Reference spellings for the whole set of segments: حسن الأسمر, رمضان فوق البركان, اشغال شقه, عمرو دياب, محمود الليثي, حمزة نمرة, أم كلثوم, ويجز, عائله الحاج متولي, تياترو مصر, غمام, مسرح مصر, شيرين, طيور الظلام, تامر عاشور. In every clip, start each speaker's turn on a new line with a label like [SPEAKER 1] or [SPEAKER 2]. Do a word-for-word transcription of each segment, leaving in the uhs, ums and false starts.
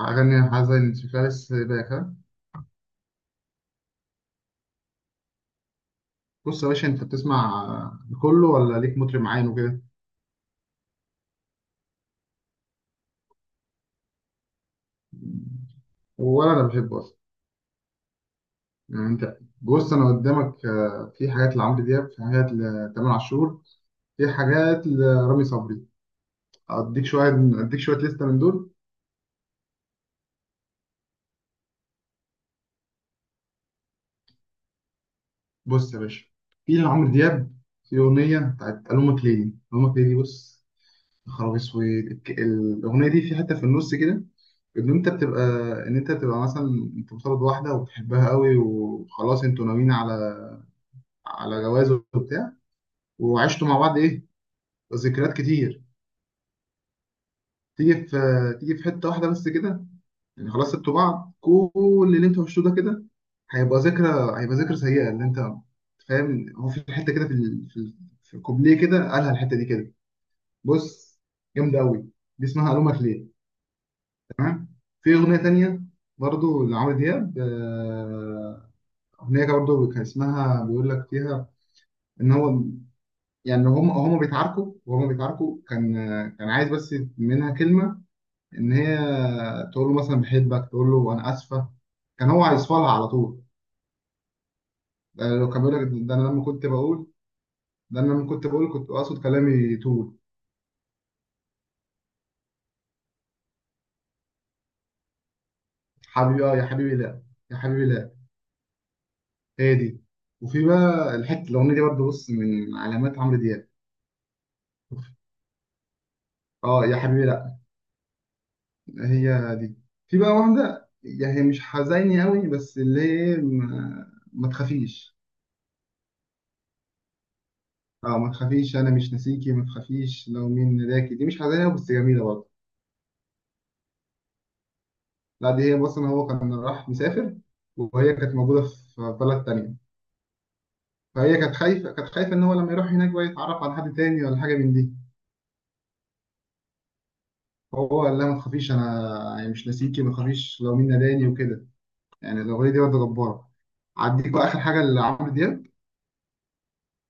[SPEAKER 1] أغاني حزين شكلها لسه باك ها. بص يا باشا، أنت بتسمع كله ولا ليك مطرب معين وكده؟ ولا أنا بحبه أصلا. يعني أنت بص أنا قدامك، آه، في حاجات لعمرو دياب، في حاجات لتامر عاشور، في حاجات لرامي صبري. أديك شوية أديك شوية لستة من دول. بص يا باشا، في لعمرو دياب في أغنية بتاعت ألومك ليه، ألومك ليه دي. بص، يا خرابي أسود. الك- الأغنية دي في حتة في النص كده. ان انت بتبقى ان انت بتبقى مثلا انت بترضى واحده وبتحبها قوي، وخلاص انتوا ناويين على على جواز وبتاع، وعشتوا مع بعض ايه، ذكريات كتير. تيجي في تيجي في حته واحده بس كده. يعني خلاص سبتوا بعض، كل اللي انتوا عشتوه ده كده هيبقى ذكرى هيبقى ذكرى سيئه اللي انت فاهم. هو في حته كده في ال... في ال- في الكوبليه كده، قالها الحته دي كده. بص، جامده قوي. دي اسمها الومك ليه. تمام. في اغنيه تانيه برضو لعمرو دياب، آه، أغنية برضه كان اسمها بيقول لك فيها إن هو، يعني هم هم بيتعاركوا وهم بيتعاركوا، كان كان عايز بس منها كلمة، إن هي تقول له مثلا بحبك، تقول له أنا آسفة، كان هو هيصفلها على طول. ده لو كان بيقول لك، ده أنا لما كنت بقول ده أنا لما كنت بقول كنت أقصد كلامي طول. حبيبي آه يا حبيبي لا، يا حبيبي لا. هي دي. وفي بقى الحتة الأغنية دي برضه، بص، من علامات عمرو دياب. اه يا حبيبي. هي دي. في بقى واحدة، يعني هي مش حزيني قوي، بس اللي هي ما, ما تخافيش. اه، ما تخافيش انا مش ناسيكي، ما تخافيش لو مين ناداكي، دي مش حزينة قوي بس جميلة برضه. لا، دي هي بص ان هو كان راح مسافر، وهي كانت موجودة في بلد تانية. فهي كانت خايفة كانت خايفة ان هو لما يروح هناك بقى يتعرف على حد تاني ولا حاجة من دي. فهو قال لها ما تخافيش انا يعني مش ناسيكي، ما تخافيش لو مين ناداني وكده. يعني الاغنية دي برضه جبارة. عديك بقى اخر حاجة لعمرو دياب.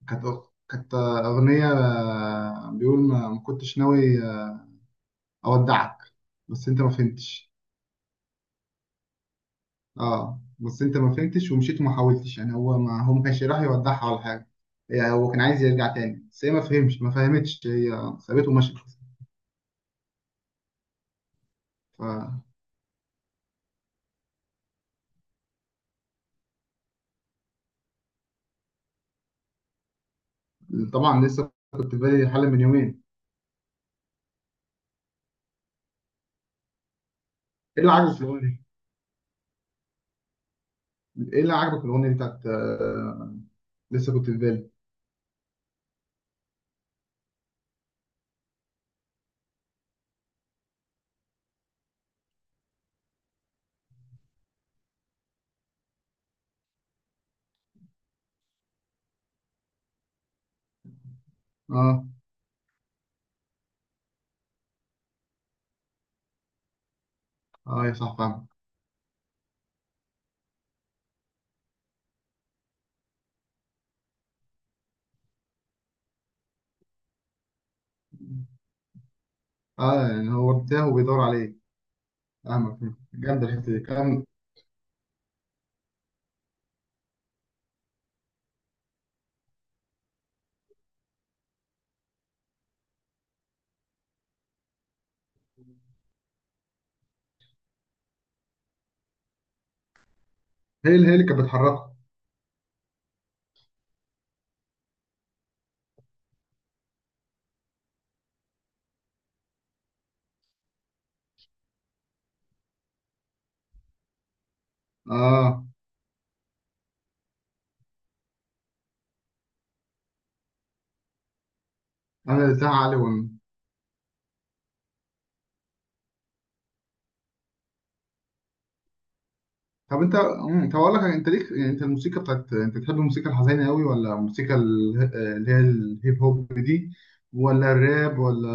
[SPEAKER 1] كانت أغ- كانت أغنية بيقول ما ما كنتش ناوي أودعك بس أنت ما فهمتش. أه بس أنت ما فهمتش ومشيت وما حاولتش، يعني هو ما هو ما كانش راح يودعها ولا حاجة. يعني هو كان عايز يرجع تاني بس هي ما فهمش ما فهمتش، هي سابته ومشت. فطبعا لسه كنت في بالي حل من يومين. إيه اللي عجبك في الأغنية دي؟ إيه اللي عجبك في الأغنية دي بتاعت، آه، لسه كنت في بالي؟ أه. أه يا صح فاهم. أه يعني هو ارتاح وبيدور عليه. فاهمك. جامدة الحتة دي كلام. هي اللي هي اللي كانت بتحركه. اه، انا قلتها علي ون. طب انت مم، طب اقول لك، انت ليك يعني انت الموسيقى بتاعت، انت بتحب الموسيقى الحزينه قوي، ولا الموسيقى ال- اللي هي الهيب هوب دي، ولا الراب ولا...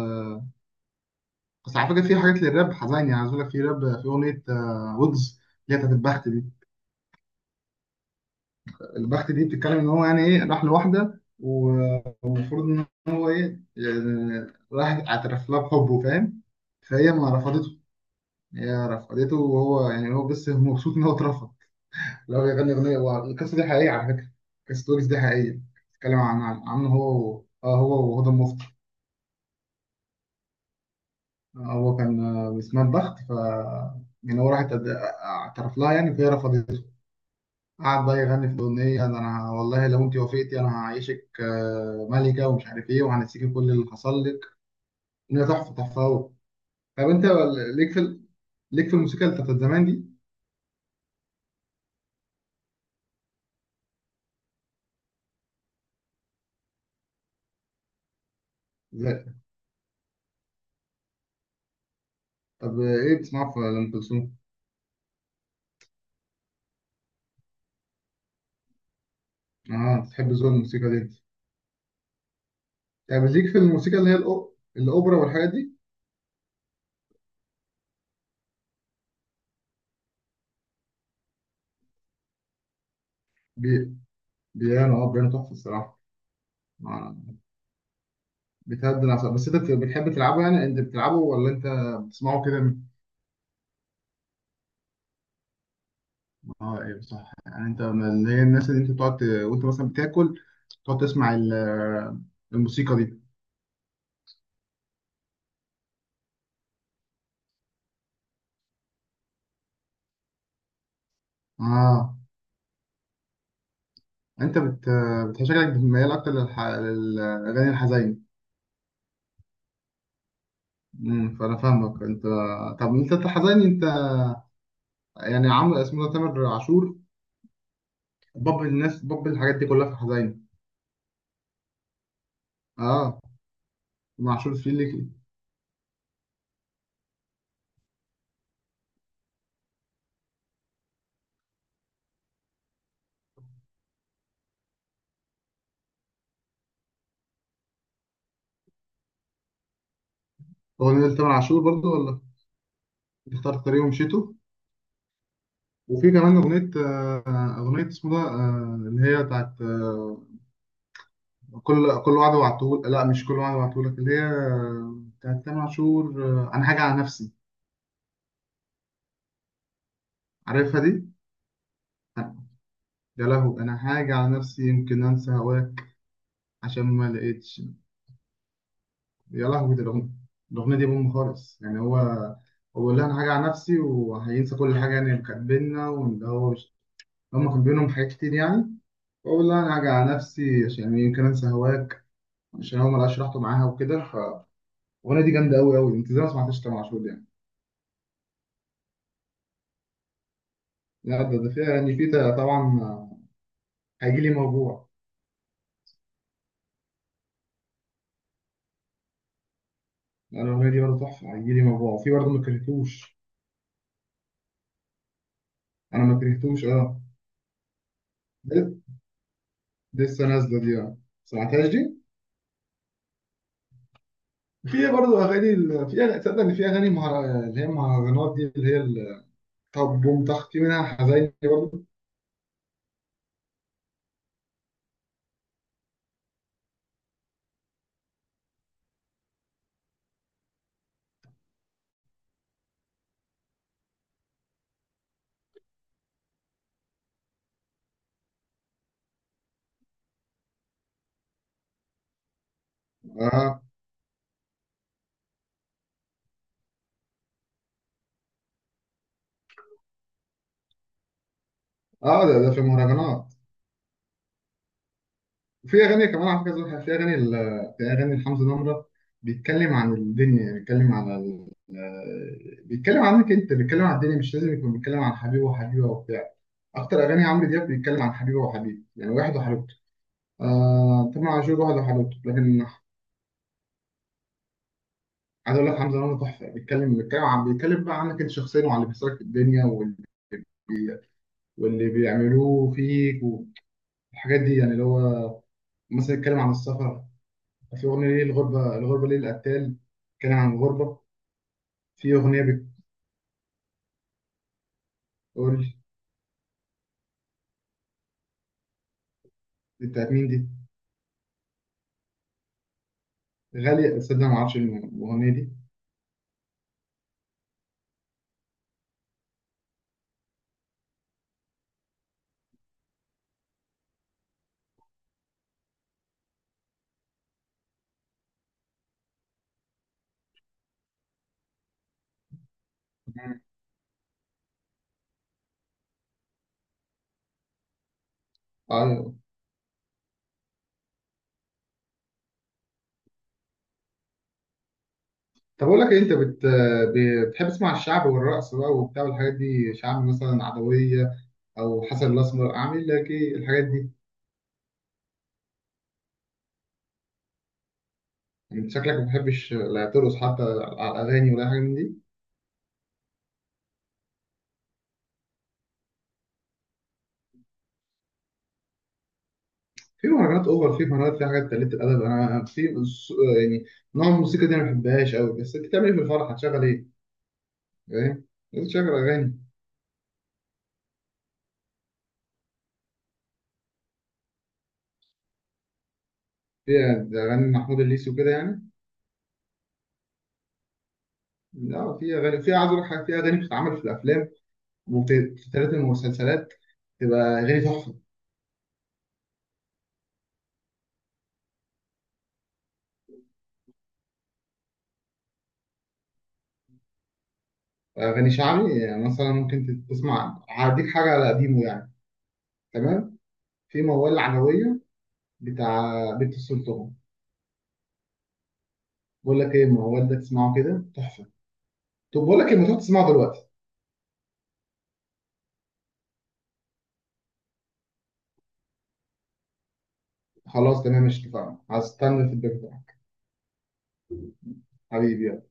[SPEAKER 1] بس على فكره في حاجات للراب حزينه، يعني عايز اقول لك، في راب، في اغنيه آه، ويجز، اللي هي بتاعت البخت دي. البخت دي بتتكلم ان هو، يعني ايه، راح لواحده و- والمفروض ان هو ايه يعني، راح اعترف لها بحبه فاهم. فهي ما رفضته. هي رفضته، وهو يعني هو بس مبسوط ان هو اترفض. اللي هو بيغني أغنية، هو القصة دي حقيقية على فكرة، قصة ويجز دي حقيقية. بتتكلم عن عن عن هو. آه هو وهدى المفتي. آه هو كان، آه، اسمها البخت ف يعني هو راحت قد- اعترف لها يعني، فهي رفضته. قعد بقى يغني في الأغنية ده، أنا والله لو أنت وافقتي أنا هعيشك آه، ملكة ومش عارف إيه، وهنسيكي كل اللي حصل لك. أغنية تحفة، تحفة أوي. طب أنت، ليك في ال- ليك في الموسيقى اللي بتاعت زمان دي؟ لا. طب إيه بتسمعها في أم كلثوم؟ آه بتحب ذوق الموسيقى دي. يعني بيزيك في الموسيقى اللي هي الأو... الأوبرا والحاجات دي. بي... بيانو، اه، بيانو تحفة الصراحة. آه، بتهدي الأعصاب، بس أنت بت- بتحب تلعبه، يعني أنت بتلعبه ولا أنت بتسمعه كده من- اه. ايه صح، يعني أنت من اللي هي الناس اللي أنت بتقعد ت- وأنت مثلا بتاكل تقعد تسمع ال- الموسيقى دي. اه. أنت بت بت- شكلك بتميل أكتر للح... للأغاني الحزينة. امم فأنا فاهمك أنت. طب أنت الحزين، أنت يعني عامل اسمه ده تامر عاشور، باب الناس، باب الحاجات دي كلها في الحزين. اه. ام عاشور شيرين ليكلي. اغنيه لتامر عاشور برضو ولا... أنت اخترت طريق ومشيته. وفي كمان اغنيه، آه، اغنيه اسمه ده، آه، اللي هي بتاعت، آه، كل كل وعد وعدتهولك، لا مش كل وعد وعدتهولك، اللي هي آه، بتاعت تامر عاشور، آه، انا حاجه على نفسي. عارفها دي؟ يا لهو، انا حاجه على نفسي يمكن انسى هواك، عشان ما لقيتش. يا لهو دي الاغنيه الاغنيه دي بوم خالص، يعني هو هو اللي انا حاجه على نفسي وهينسى كل حاجه، يعني اللي كانت بينا، وان هو مش... هما كان بينهم حاجات كتير يعني. بقول لها انا هاجي على نفسي عشان يمكن انسى هواك، عشان هو ملقاش راحته معاها وكده. فالاغنيه دي جامده قوي قوي. انت ازاي ما سمعتش تامر عاشور دي يعني؟ لا ده, ده فيها يعني في. طبعا هيجي لي موجوع. انا الاغنيه دي برضه تحفه، هيجي لي موجوع، وفي برضه ما كرهتوش. انا ما كرهتوش اه. دي دي لسه نازله دي اه. سمعتهاش دي. في برضه اغاني ال- في أغاني- تصدق ان في اغاني مهر... اللي هي المهرجانات دي اللي هي ال- طب بوم طخ في منها حزيني برضه. اه. اه ده, ده في المهرجانات. وفي اغاني كمان على فكره زوجها في اغاني ال- في اغاني لحمزة نمرة، بيتكلم عن الدنيا، بيتكلم على ال... آه، بيتكلم عنك انت، بيتكلم عن الدنيا، مش لازم يكون بيتكلم عن حبيبه وحبيبه وبتاع. اكتر اغاني عمرو دياب بيتكلم عن حبيبه وحبيب، يعني واحد وحبيبته. آه تامر عاشور واحد وحبيبته لكن... عايز اقول لك حمزة نمرة تحفه، بيتكلم بيتكلم عن بيتكلم بقى عنك انت شخصيا، وعن اللي بيحصلك في الدنيا، وال... واللي بيعملوه فيك والحاجات دي، يعني اللي هو مثلا يتكلم عن السفر. في أغنية، ليه الغربة، الغربة ليه القتال، بتتكلم عن الغربة. في أغنية بتقول دي، بتاعت مين دي؟ غالية. تصدق ما أعرفش الأغنية دي. مم. أيوة. طب أقول لك إيه، أنت بت... ب- بتحب تسمع الشعب والرقص بقى وبتاع والحاجات دي، شعب مثلا عدوية أو حسن الأسمر، عامل لك إيه الحاجات دي؟ يعني أنت شكلك ما بتحبش لا ترقص حتى على الأغاني ولا حاجة من دي. في مهرجانات أوفر، في مهرجانات فيها حاجات قلة الأدب، أنا في الص- يعني نوع الموسيقى دي أنا ما بحبهاش أوي، بس أنت بتعمل إيه في الفرح؟ هتشغل إيه؟ فاهم؟ لازم تشغل أغاني فيها ده، اغاني محمود الليثي وكده يعني. لا، في اغاني في عايز اقول لك حاجه، في اغاني بتتعمل في الافلام وبتتعرض المسلسلات، تبقى اغاني تحفه. اغاني شعبي يعني مثلا ممكن تسمع، هديك حاجه على قديمه يعني. تمام. في موال العدويه بتاع بنت السلطان. بقول لك ايه، الموال ده تسمعه كده تحفه. طب بقول لك ايه، ما تروح تسمعه دلوقتي. خلاص تمام، مش اتفقنا، هستنى في البيت. حبيبي.